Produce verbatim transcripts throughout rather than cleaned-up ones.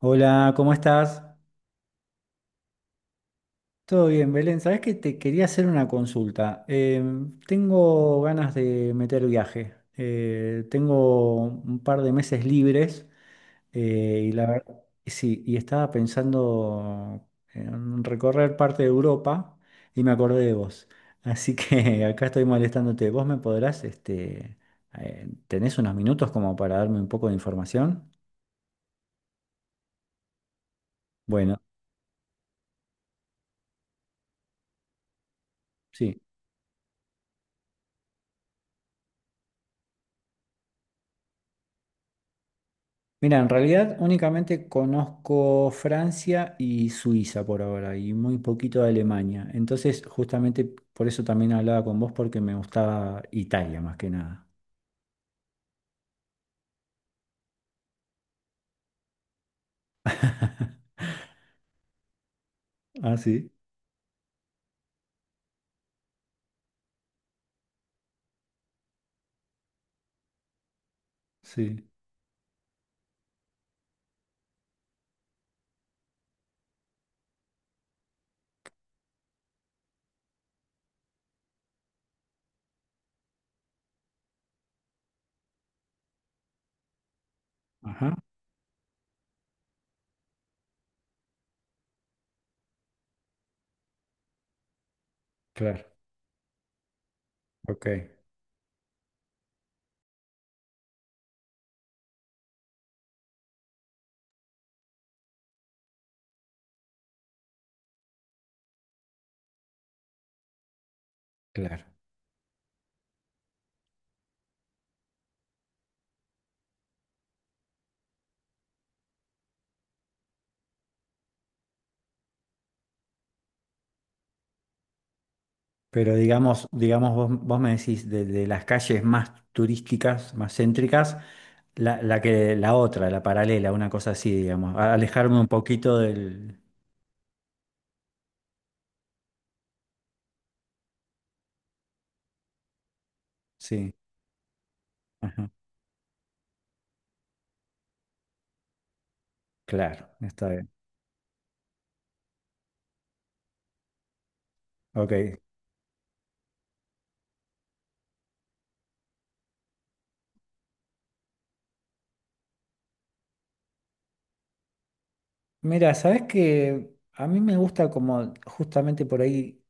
Hola, ¿cómo estás? Todo bien, Belén. Sabes que te quería hacer una consulta. Em, tengo ganas de meter viaje. Eh, tengo un par de meses libres eh, y la verdad, sí, y estaba pensando en recorrer parte de Europa y me acordé de vos. Así que acá estoy molestándote. ¿Vos me podrás, este, eh, tenés unos minutos como para darme un poco de información? Bueno, sí. Mira, en realidad únicamente conozco Francia y Suiza por ahora y muy poquito de Alemania. Entonces, justamente por eso también hablaba con vos porque me gustaba Italia más que nada. Ah, sí, sí. Ajá, claro, ok, claro. Pero digamos, digamos vos, vos me decís de, de las calles más turísticas, más céntricas, la, la que la otra, la paralela, una cosa así, digamos, a- alejarme un poquito del... Sí, ajá, claro, está bien. Ok. Mira, sabes que a mí me gusta como justamente por ahí,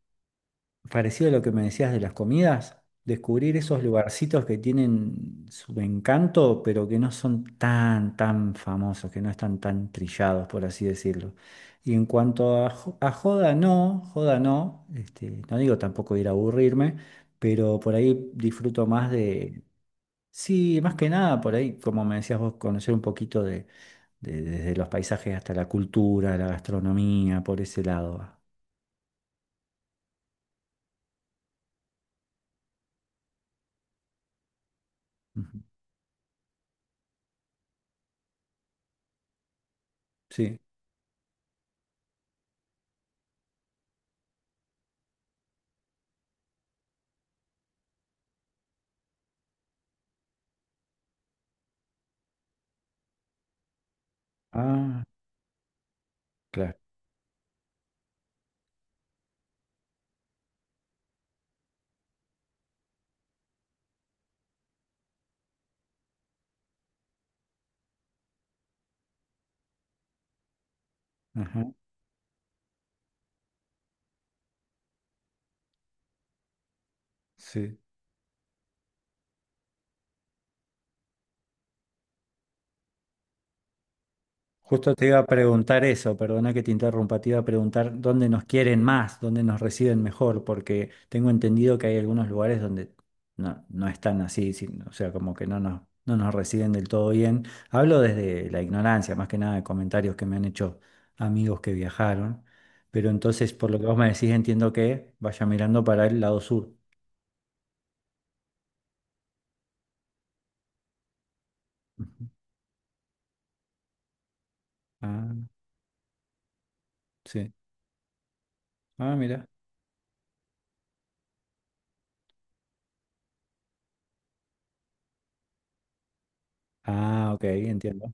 parecido a lo que me decías de las comidas, descubrir esos lugarcitos que tienen su encanto, pero que no son tan, tan famosos, que no están tan trillados, por así decirlo. Y en cuanto a, jo- a joda, no, joda no, este, no digo tampoco ir a aburrirme, pero por ahí disfruto más de, sí, más que nada, por ahí, como me decías vos, conocer un poquito de- desde los paisajes hasta la cultura, la gastronomía, por ese lado va. Ujú. Sí. Ah, claro. Ajá. Sí. Justo te iba a preguntar eso, perdona que te interrumpa, te iba a preguntar dónde nos quieren más, dónde nos reciben mejor, porque tengo entendido que hay algunos lugares donde no, no están así, si- o sea, como que no nos, no nos reciben del todo bien. Hablo desde la ignorancia, más que nada de comentarios que me han hecho amigos que viajaron, pero entonces por lo que vos me decís entiendo que vaya mirando para el lado sur. Ujú. Ah, sí. Ah, mira. Ah, ok, entiendo.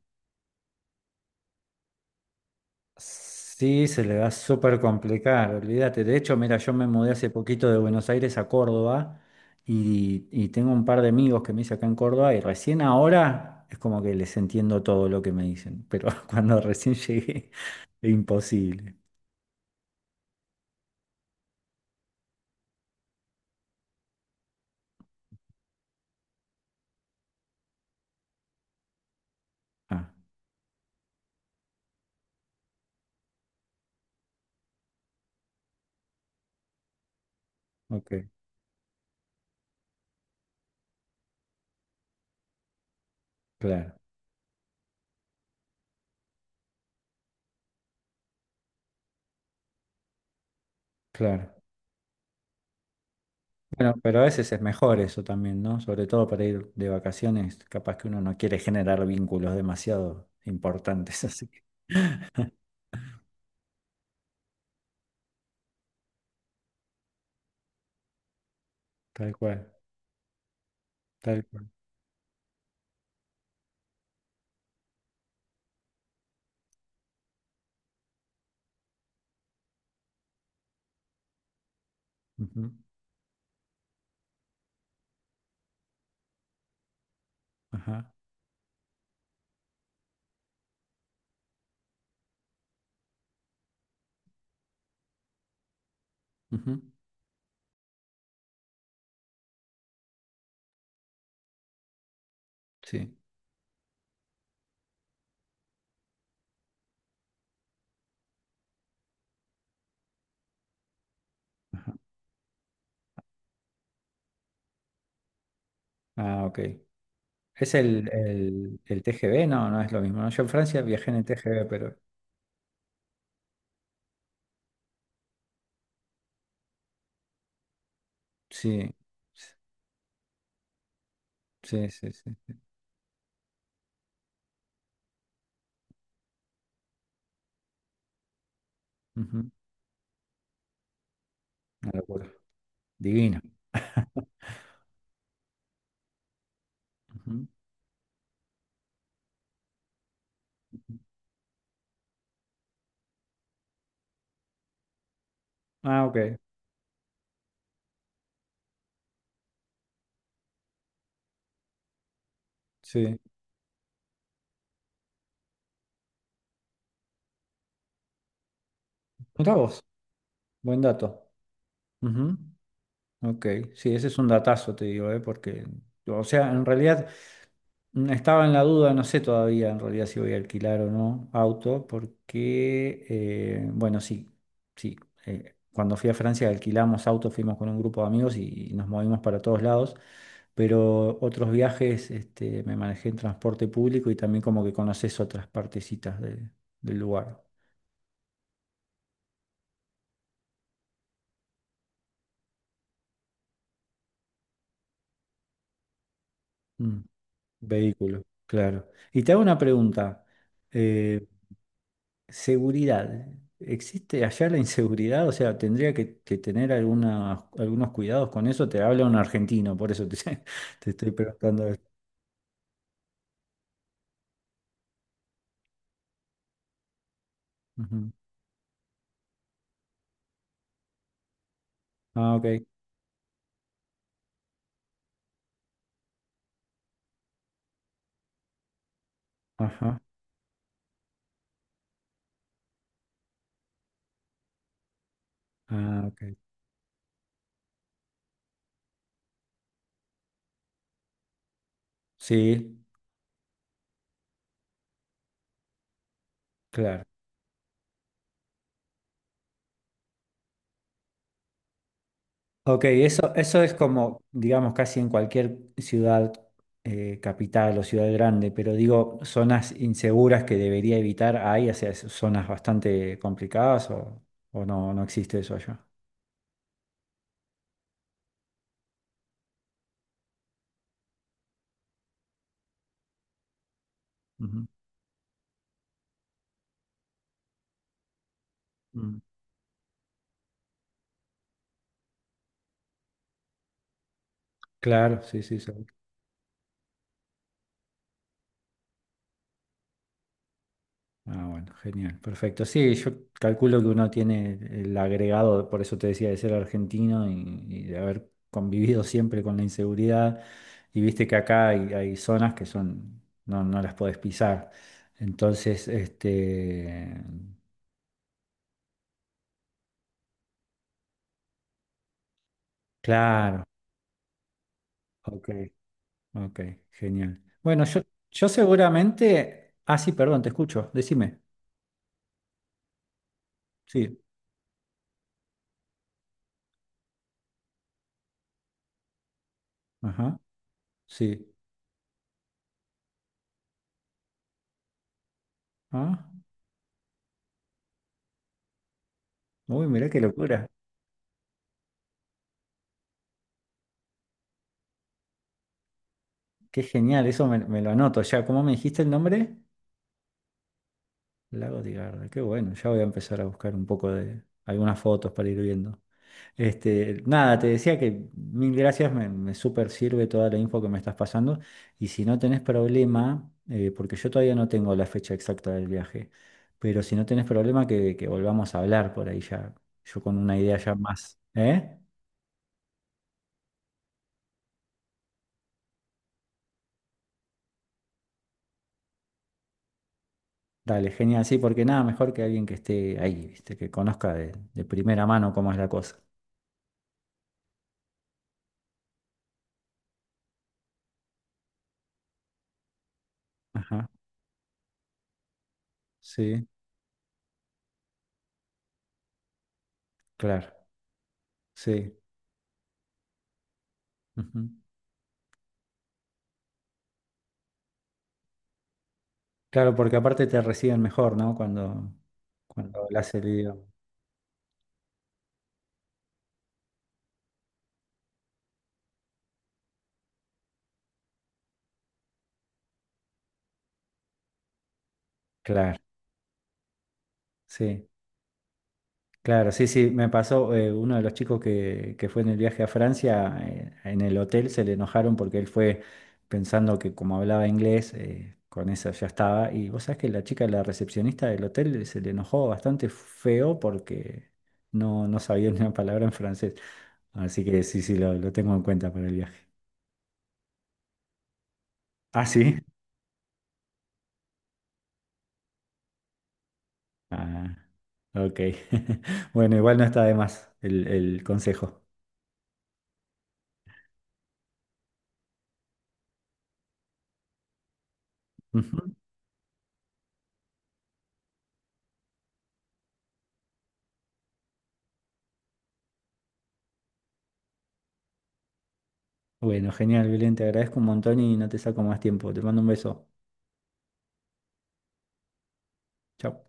Sí, se le va a súper complicar, olvídate. De hecho, mira, yo me mudé hace poquito de Buenos Aires a Córdoba y, y tengo un par de amigos que me hice acá en Córdoba y recién ahora es como que les entiendo todo lo que me dicen, pero cuando recién llegué, imposible. Ah, ok, claro, claro. Bueno, pero a veces es mejor eso también, ¿no? Sobre todo para ir de vacaciones, capaz que uno no quiere generar vínculos demasiado importantes, así que tal cual, tal cual. Ujú. Ajá. Ujú. Sí. Ajá. Ah, ok. Es el, el, el T G V, no, no es lo mismo, ¿no? Yo en Francia viajé en el T G V, pero sí. Sí, sí, sí. Ujú. Una locura. Divino. Ujú. Ah, ok. Sí. Notá vos. Buen dato. Ujú. Ok. Sí, ese es un datazo, te digo, ¿eh? Porque, o sea, en realidad. Mm, Estaba en la duda, no sé todavía en realidad si voy a alquilar o no auto, porque, eh, bueno, sí, sí. Eh, cuando fui a Francia alquilamos auto, fuimos con un grupo de amigos y, y nos movimos para todos lados, pero otros viajes este, me manejé en transporte público y también como que conoces otras partecitas de- del lugar. Mm, vehículo, claro. Y te hago una pregunta. eh, Seguridad. ¿Existe allá la inseguridad? O sea, tendría que, que tener algunas- algunos cuidados con eso. Te habla un argentino, por eso te, te estoy preguntando esto. Ujú. Ah, ok. Ajá. Ah, ok. Sí, claro. Ok, eso, eso es como, digamos, casi en cualquier ciudad, eh, capital o ciudad grande, pero digo, zonas inseguras que debería evitar, ¿hay? O sea, es- zonas bastante complicadas o, o no, no existe eso allá. Ujú. Mm. Claro, sí, sí, sí. Ah, bueno, genial, perfecto. Sí, yo calculo que uno tiene el agregado, por eso te decía, de ser argentino y, y de haber convivido siempre con la inseguridad. Y viste que acá hay, hay zonas que son, no, no las podés pisar. Entonces, este, claro, ok, ok, genial. Bueno, yo, yo seguramente, ah, sí, perdón, te escucho, decime. Sí, ajá, sí. Ah, uy, mirá qué locura. Qué genial, eso me, me lo anoto. Ya, ¿cómo me dijiste el nombre? Lago Tigarda, qué bueno, ya voy a empezar a buscar un poco de algunas fotos para ir viendo. Este, nada, te decía que mil gracias, me, me súper sirve toda la info que me estás pasando. Y si no tenés problema, eh, porque yo todavía no tengo la fecha exacta del viaje, pero si no tenés problema, que, que volvamos a hablar por ahí ya, yo con una idea ya más, ¿eh? Dale, genial, sí, porque nada mejor que alguien que esté ahí, ¿viste? Que conozca de, de primera mano cómo es la cosa. Ajá. Sí, claro, sí. Ujú. Claro, porque aparte te reciben mejor, ¿no? Cuando, cuando hablas el idioma. Claro, sí, claro, sí, sí. Me pasó, eh, uno de los chicos que, que fue en el viaje a Francia, eh, en el hotel se le enojaron porque él fue pensando que como hablaba inglés, eh, con eso ya estaba. Y vos sabés que la chica, la recepcionista del hotel, se le enojó bastante feo porque no, no sabía ni una palabra en francés. Así que sí, sí, lo, lo tengo en cuenta para el viaje. Ah, sí. Ah, ok. Bueno, igual no está de más el, el consejo. Ujú. Bueno, genial, Belén, te agradezco un montón y no te saco más tiempo. Te mando un beso. Chao.